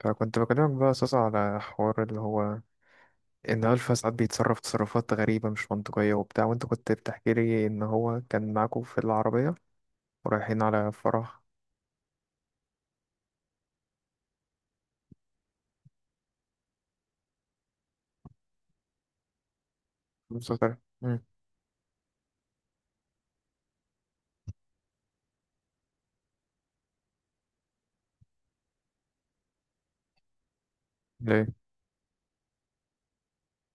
فكنت بكلمك بقى أساسا على حوار اللي هو إن ألفا ساعات بيتصرف تصرفات غريبة مش منطقية وبتاع. وأنت كنت بتحكي لي إن هو كان معاكم في العربية ورايحين على فرح مسافر. مم. ليه؟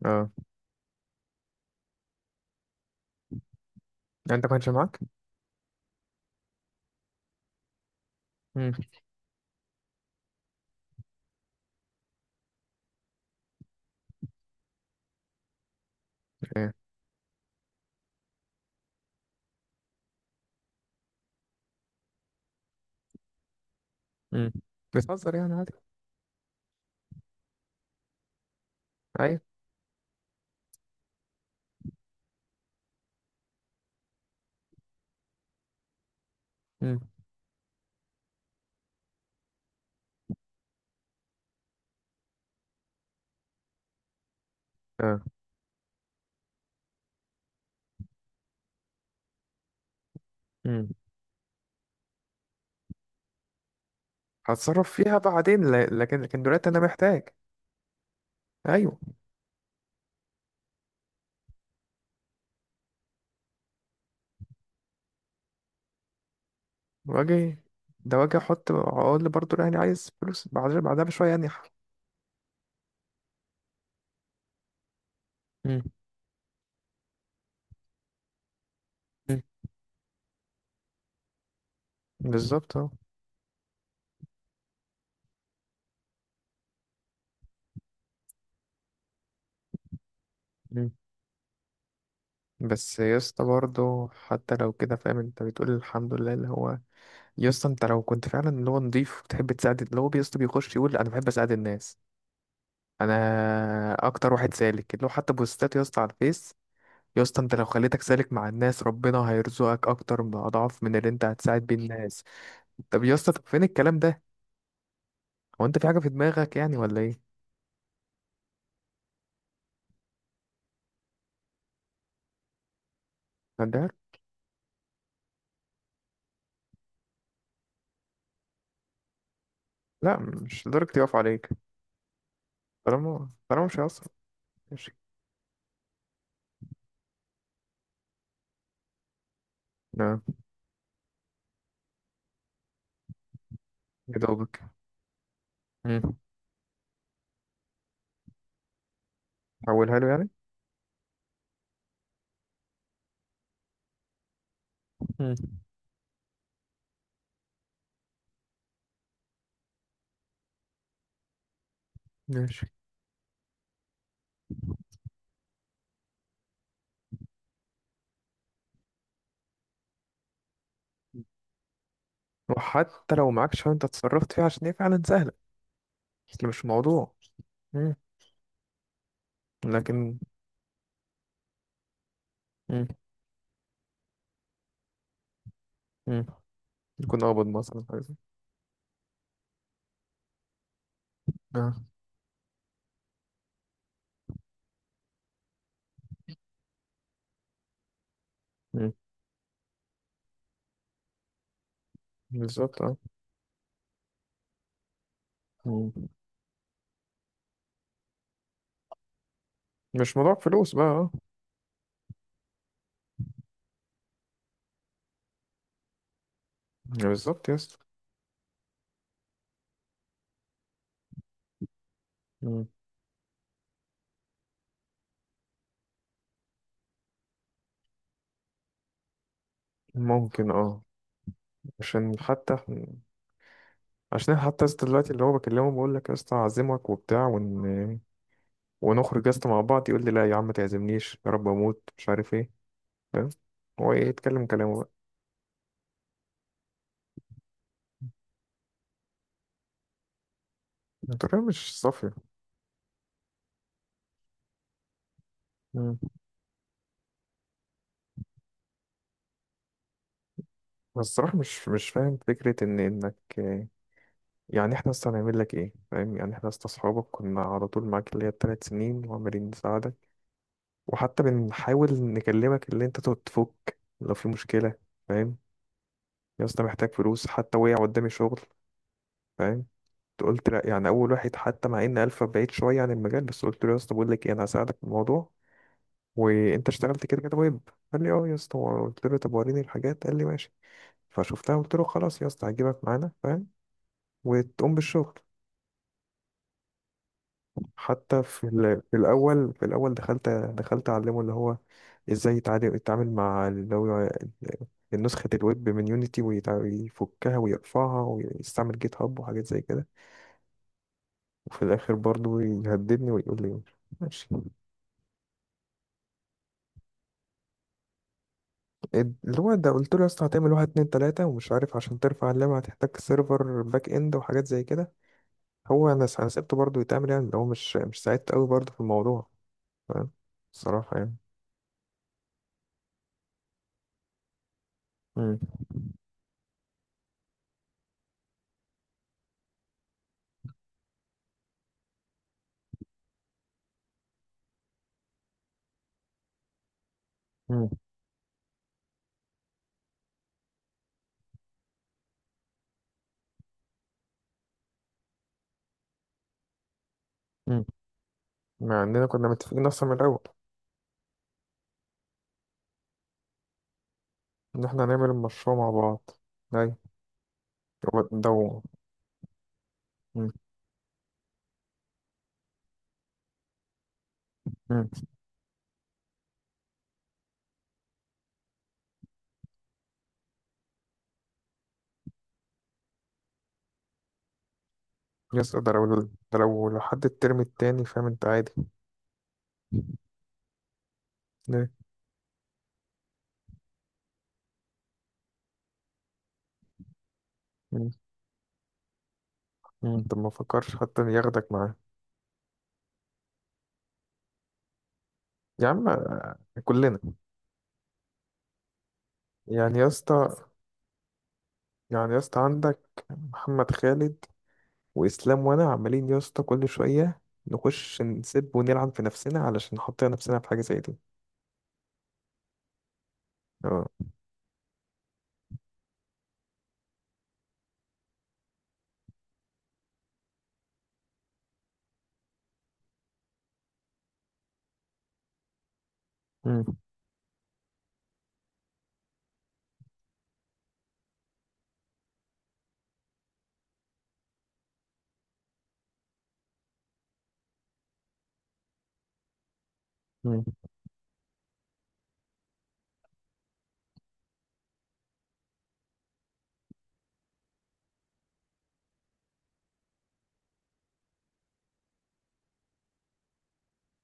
آه. يعني أنت ما كانش معاك؟ مم. إيه؟ مم. بتهزر يعني عادي. أيوة. مم. آه. مم. هتصرف فيها بعدين، لكن دلوقتي أنا محتاج. أيوه. واجي. ده واجي أحط، أقول برضه يعني عايز فلوس بعدها بشوية يعني. مم. مم. بالظبط. أهو. بس يا اسطى برضه حتى لو كده فاهم، انت بتقول الحمد لله اللي هو، يا اسطى انت لو كنت فعلا اللي هو نضيف وبتحب تساعد، اللي هو يا اسطى بيخش يقول انا بحب اساعد الناس، انا اكتر واحد سالك اللي هو حتى بوستات يا اسطى على الفيس. يا اسطى انت لو خليتك سالك مع الناس، ربنا هيرزقك اكتر باضعاف من اللي انت هتساعد بيه الناس. طب يا اسطى، طب فين الكلام ده؟ هو انت في حاجه في دماغك يعني ولا ايه؟ ده لا مش لدرجه يقف عليك. طالما طالما مش هيأثر، ماشي. نعم. يا دوبك. مم. حولها له يعني. مم. ماشي. وحتى لو معاك شوية انت اتصرفت فيها، عشان هي فعلا سهلة. اصل مش موضوع. مم. لكن. مم. مم. يكون اقبض مثلا حاجة. اه. مم. بالظبط، اه. مم. مش موضوع فلوس بقى، اه. بالظبط يا اسطى. مم. ممكن، اه. عشان حتى، عشان أنا حتى يا اسطى دلوقتي اللي هو بكلمه بقول لك يا اسطى هعزمك وبتاع ونخرج يا اسطى مع بعض، يقول لي لا يا عم ما تعزمنيش، يا رب اموت، مش عارف ايه. فاهم؟ هو ايه، يتكلم كلامه بقى. الطريقة مش صافية. أنا الصراحة مش فاهم فكرة إنك، يعني إحنا أصلا هنعمل لك إيه؟ فاهم يعني إحنا أصلا أصحابك، كنا على طول معاك اللي هي ال3 سنين وعمالين نساعدك. وحتى بنحاول نكلمك اللي أنت تقعد تفك لو في مشكلة. فاهم؟ يا اسطى محتاج فلوس، حتى وقع قدامي شغل. فاهم؟ قلت لأ، يعني أول واحد حتى مع إن ألفا بعيد شوية عن المجال، بس قلت له يا اسطى بقول لك إيه، أنا هساعدك في الموضوع وأنت اشتغلت كده كده ويب. قال لي أه يا اسطى. قلت له طب وريني الحاجات، قال لي ماشي. فشفتها قلت له خلاص يا اسطى هجيبك معانا، فاهم؟ وتقوم بالشغل. حتى في الاول دخلت اعلمه اللي هو ازاي يتعامل مع اللي هو النسخة الويب من يونيتي، ويفكها ويرفعها ويستعمل جيت هاب وحاجات زي كده. وفي الاخر برضو يهددني ويقول لي ماشي. اللي هو ده، قلت له يا اسطى هتعمل واحد اتنين تلاتة ومش عارف، عشان ترفع اللعبة هتحتاج سيرفر باك اند وحاجات زي كده. هو انا انا سبته برضه يتعمل، يعني اللي هو مش ساعدت قوي برضه في الموضوع، فاهم؟ الصراحة يعني. مم. مم. مع اننا كنا متفقين اصلا من الاول ان احنا هنعمل المشروع مع بعض. ايوه. هو ده هو. مم. مم. يس. ده لو لحد الترم التاني، فاهم انت؟ عادي. ليه؟ مم. مم. انت ما فكرش حتى ياخدك معاه؟ يا عم كلنا، يعني يا اسطى. يعني يا اسطى عندك محمد خالد واسلام، وانا عمالين يا اسطى كل شويه نخش نسب ونلعن في نفسنا علشان نحط نفسنا في حاجه زي دي. اه. مم. مم.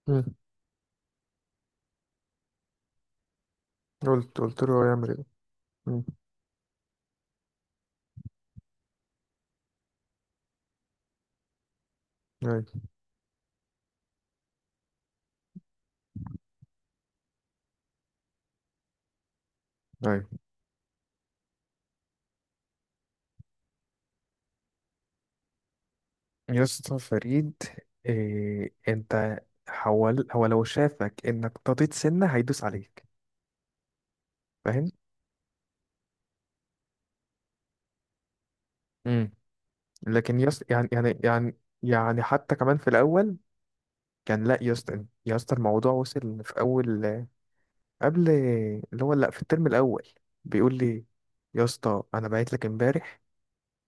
مم. قلت له هو يعمل ايه. مم. ايوه. ايوه يا اسطى فريد. إيه انت، حول. هو لو شافك انك طريت سنة هيدوس عليك، فاهم؟ امم. لكن يس، يعني يعني. يعني حتى كمان في الاول، كان لا يا اسطى، يا اسطى الموضوع وصل في اول، قبل، اللي هو لا، في الترم الاول بيقول لي يا اسطى انا بعت لك امبارح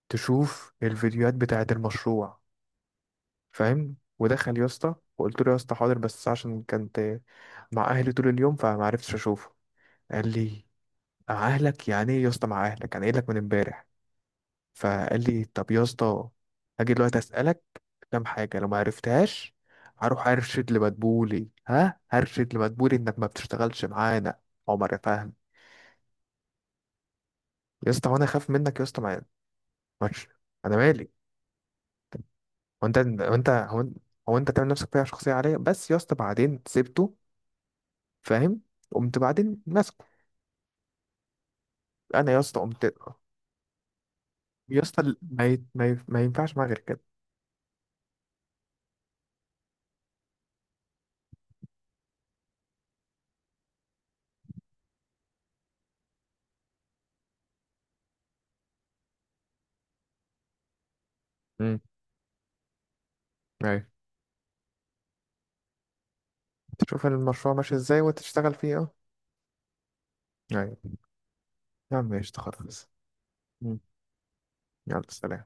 تشوف الفيديوهات بتاعة المشروع، فاهم؟ ودخل يا اسطى وقلت له يا اسطى حاضر، بس عشان كنت مع اهلي طول اليوم فما عرفتش اشوفه. قال لي مع اهلك يعني ايه يا اسطى، مع اهلك؟ انا قايل لك من امبارح. فقال لي طب يا اسطى هاجي دلوقتي اسالك كام حاجه، لو ما عرفتهاش هروح ارشد لمدبولي، ها، هرشد لمدبولي انك ما بتشتغلش معانا. عمر، فاهم؟ يا اسطى وانا خايف منك يا اسطى؟ ما، مش، انا مالي. هو انت هو انت هو انت هو انت تعمل نفسك فيها شخصيه عليا، بس يا اسطى بعدين سبته، فاهم؟ قمت بعدين ماسكه، انا يا اسطى قمت. يا اسطى ما ينفعش معايا غير كده. امم. تشوف المشروع ماشي ازاي وتشتغل فيه، اه. يعني، يا عم ايش، خلاص. مم. يلا سلام.